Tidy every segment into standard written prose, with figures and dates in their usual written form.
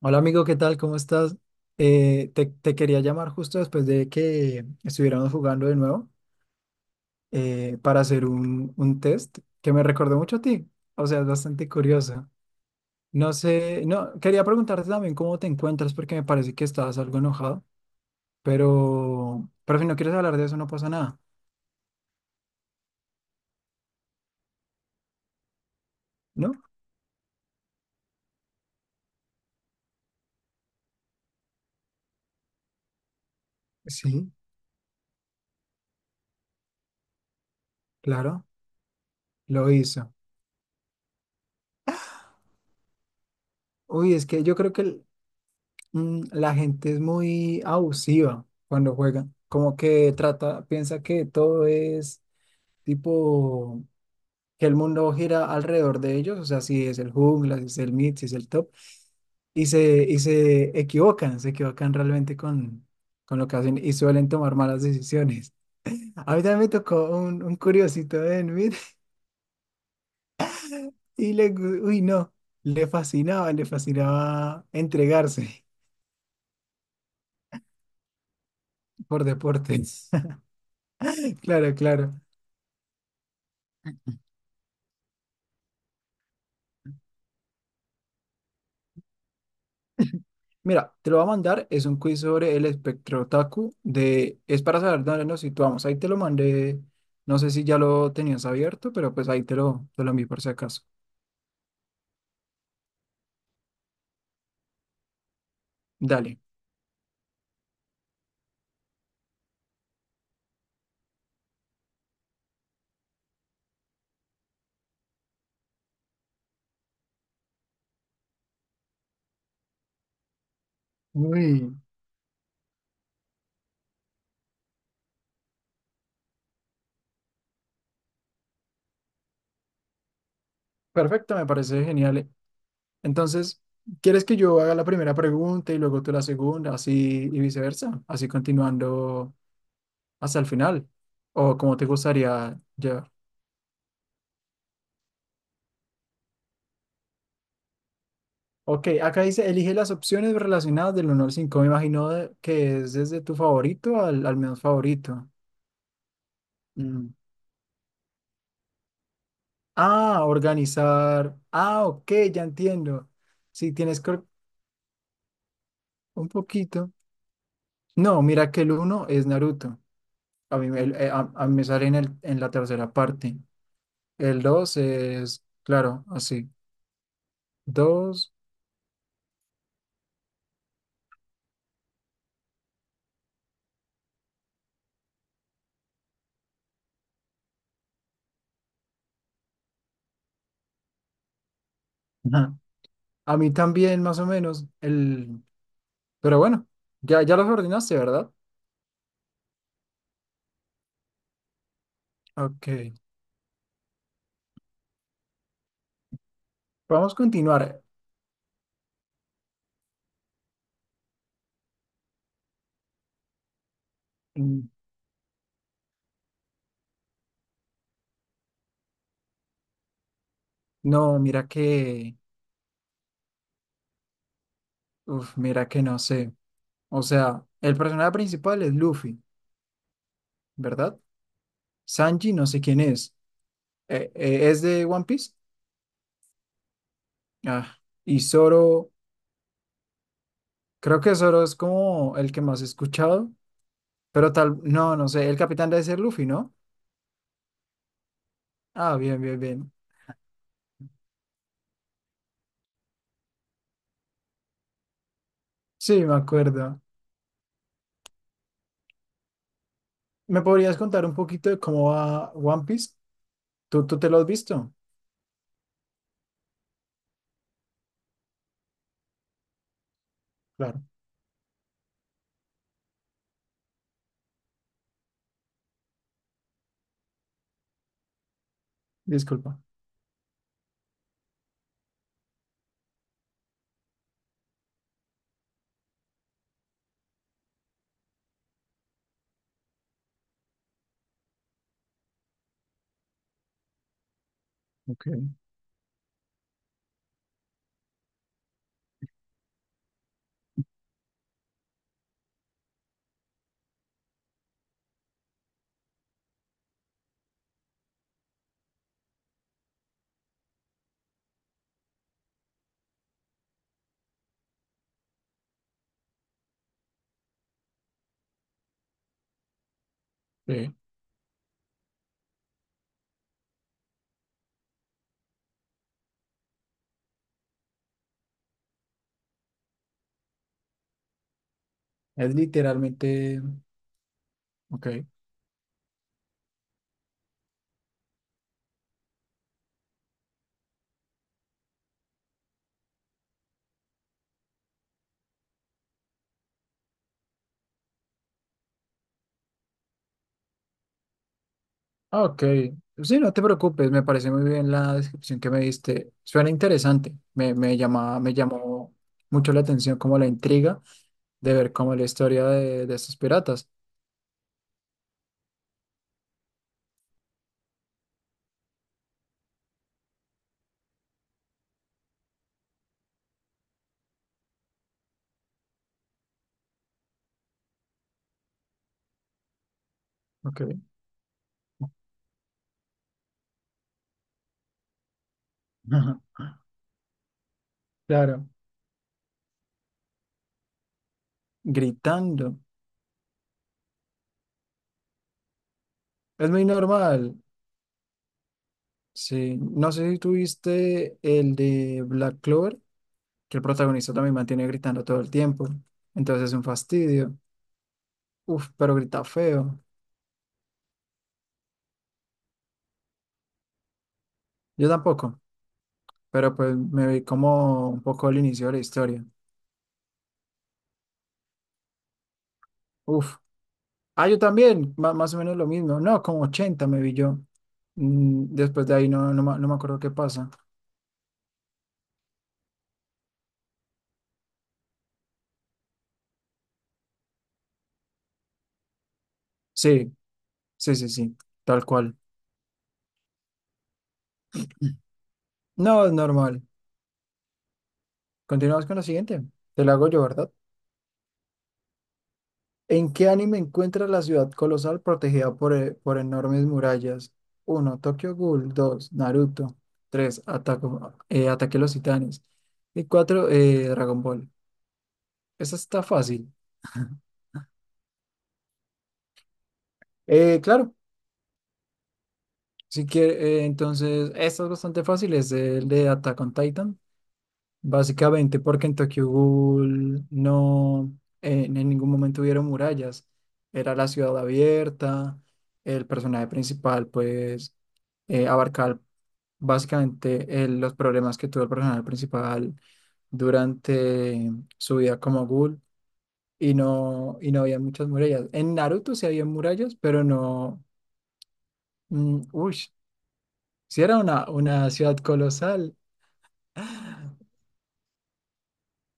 Hola amigo, ¿qué tal? ¿Cómo estás? Te quería llamar justo después de que estuviéramos jugando de nuevo, para hacer un test que me recordó mucho a ti. O sea, es bastante curioso. No sé, no, quería preguntarte también cómo te encuentras porque me parece que estabas algo enojado, pero si no quieres hablar de eso no pasa nada, ¿no? Sí, claro, lo hizo. Uy, es que yo creo que la gente es muy abusiva cuando juega, como que trata, piensa que todo es tipo que el mundo gira alrededor de ellos, o sea, si es el jungla, si es el mid, si es el top, y se equivocan, se equivocan realmente con lo que hacen y suelen tomar malas decisiones. A mí también me tocó un curiosito en mid y le, gu- uy, no, le fascinaba entregarse por deportes. Claro, claro. Mira, te lo voy a mandar, es un quiz sobre el espectro otaku de, es para saber dónde nos situamos. Ahí te lo mandé, no sé si ya lo tenías abierto, pero pues ahí te lo envié por si acaso. Dale. Uy, perfecto, me parece genial. Entonces, ¿quieres que yo haga la primera pregunta y luego tú la segunda, así y viceversa? Así continuando hasta el final. ¿O como te gustaría ya? Ok, acá dice, elige las opciones relacionadas del uno al 5. Me imagino que es desde tu favorito al, al menos favorito. Mm. Ah, organizar. Ah, ok, ya entiendo. Si tienes que or- un poquito. No, mira que el uno es Naruto. A mí, a mí me sale en, el, en la tercera parte. El dos es, claro, así. Dos. Ajá. A mí también, más o menos. El... Pero bueno, ya, ya los ordenaste, ¿verdad? Ok, vamos a continuar. Mm. No, mira que, uf, mira que no sé. O sea, el personaje principal es Luffy, ¿verdad? Sanji no sé quién es. ¿Es de One Piece? Ah, y Zoro, creo que Zoro es como el que más he escuchado, pero tal, no, no sé, el capitán debe ser Luffy, ¿no? Ah, bien, bien, bien. Sí, me acuerdo. ¿Me podrías contar un poquito de cómo va One Piece? ¿Tú te lo has visto? Claro, disculpa. Ok. Sí. Es literalmente, ok. Ah, ok, sí, no te preocupes, me parece muy bien la descripción que me diste. Suena interesante, me llama, me llamó mucho la atención como la intriga de ver cómo la historia de estos piratas. Ok, ajá, claro, gritando. Es muy normal, sí. No sé si tuviste el de Black Clover, que el protagonista también mantiene gritando todo el tiempo, entonces es un fastidio. Uf, pero grita feo. Yo tampoco, pero pues me vi como un poco el inicio de la historia. Uf, ah, yo también, más o menos lo mismo. No, como 80 me vi yo. Mm, después de ahí no, no, no me acuerdo qué pasa. Sí, sí, sí, sí, tal cual. No, es normal. Continuamos con la siguiente. Te la hago yo, ¿verdad? ¿En qué anime encuentras la ciudad colosal protegida por enormes murallas? Uno, Tokyo Ghoul. 2, Naruto. 3, Ataque a los Titanes. Y 4. Dragon Ball. Esa está fácil. Claro, si quiere, entonces, esta es bastante fácil, es el de Attack on Titan. Básicamente porque en Tokyo Ghoul no, en ningún momento hubieron murallas. Era la ciudad abierta, el personaje principal pues abarcaba básicamente los problemas que tuvo el personaje principal durante su vida como ghoul y no había muchas murallas. En Naruto sí había murallas, pero no... mm, si era una ciudad colosal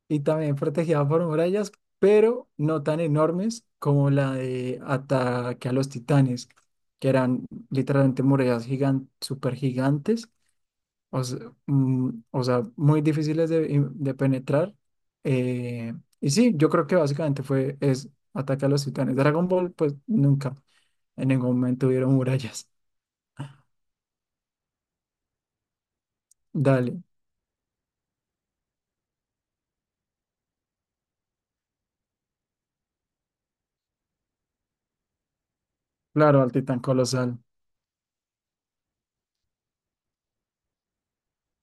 y también protegida por murallas, pero no tan enormes como la de Ataque a los Titanes, que eran literalmente murallas gigan súper gigantes, o sea, o sea, muy difíciles de penetrar. Eh, y sí, yo creo que básicamente fue es Ataque a los Titanes. Dragon Ball, pues nunca, en ningún momento hubieron murallas. Dale, claro, al titán colosal.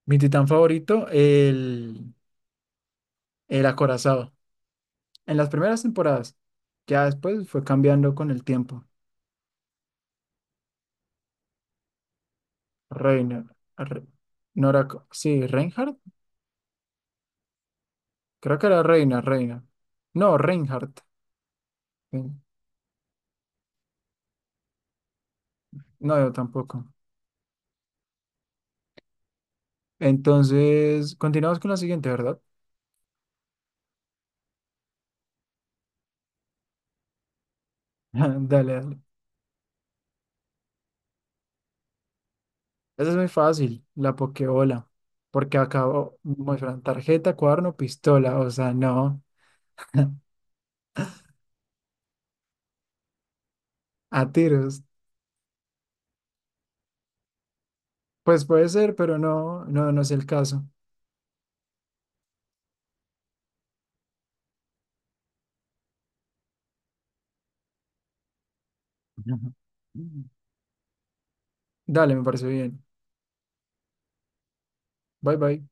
Mi titán favorito, el... El acorazado. En las primeras temporadas. Ya después fue cambiando con el tiempo. Reiner. Re- no era co- sí, Reinhardt. Creo que era Reina, Reina. No, Reinhardt. Sí. No, yo tampoco. Entonces, continuamos con la siguiente, ¿verdad? Dale, dale. Esa es muy fácil, la Pokébola. Porque acabó muestran tarjeta, cuaderno, pistola. O sea, no. A tiros. Pues puede ser, pero no, no, no es el caso. Dale, me parece bien. Bye bye.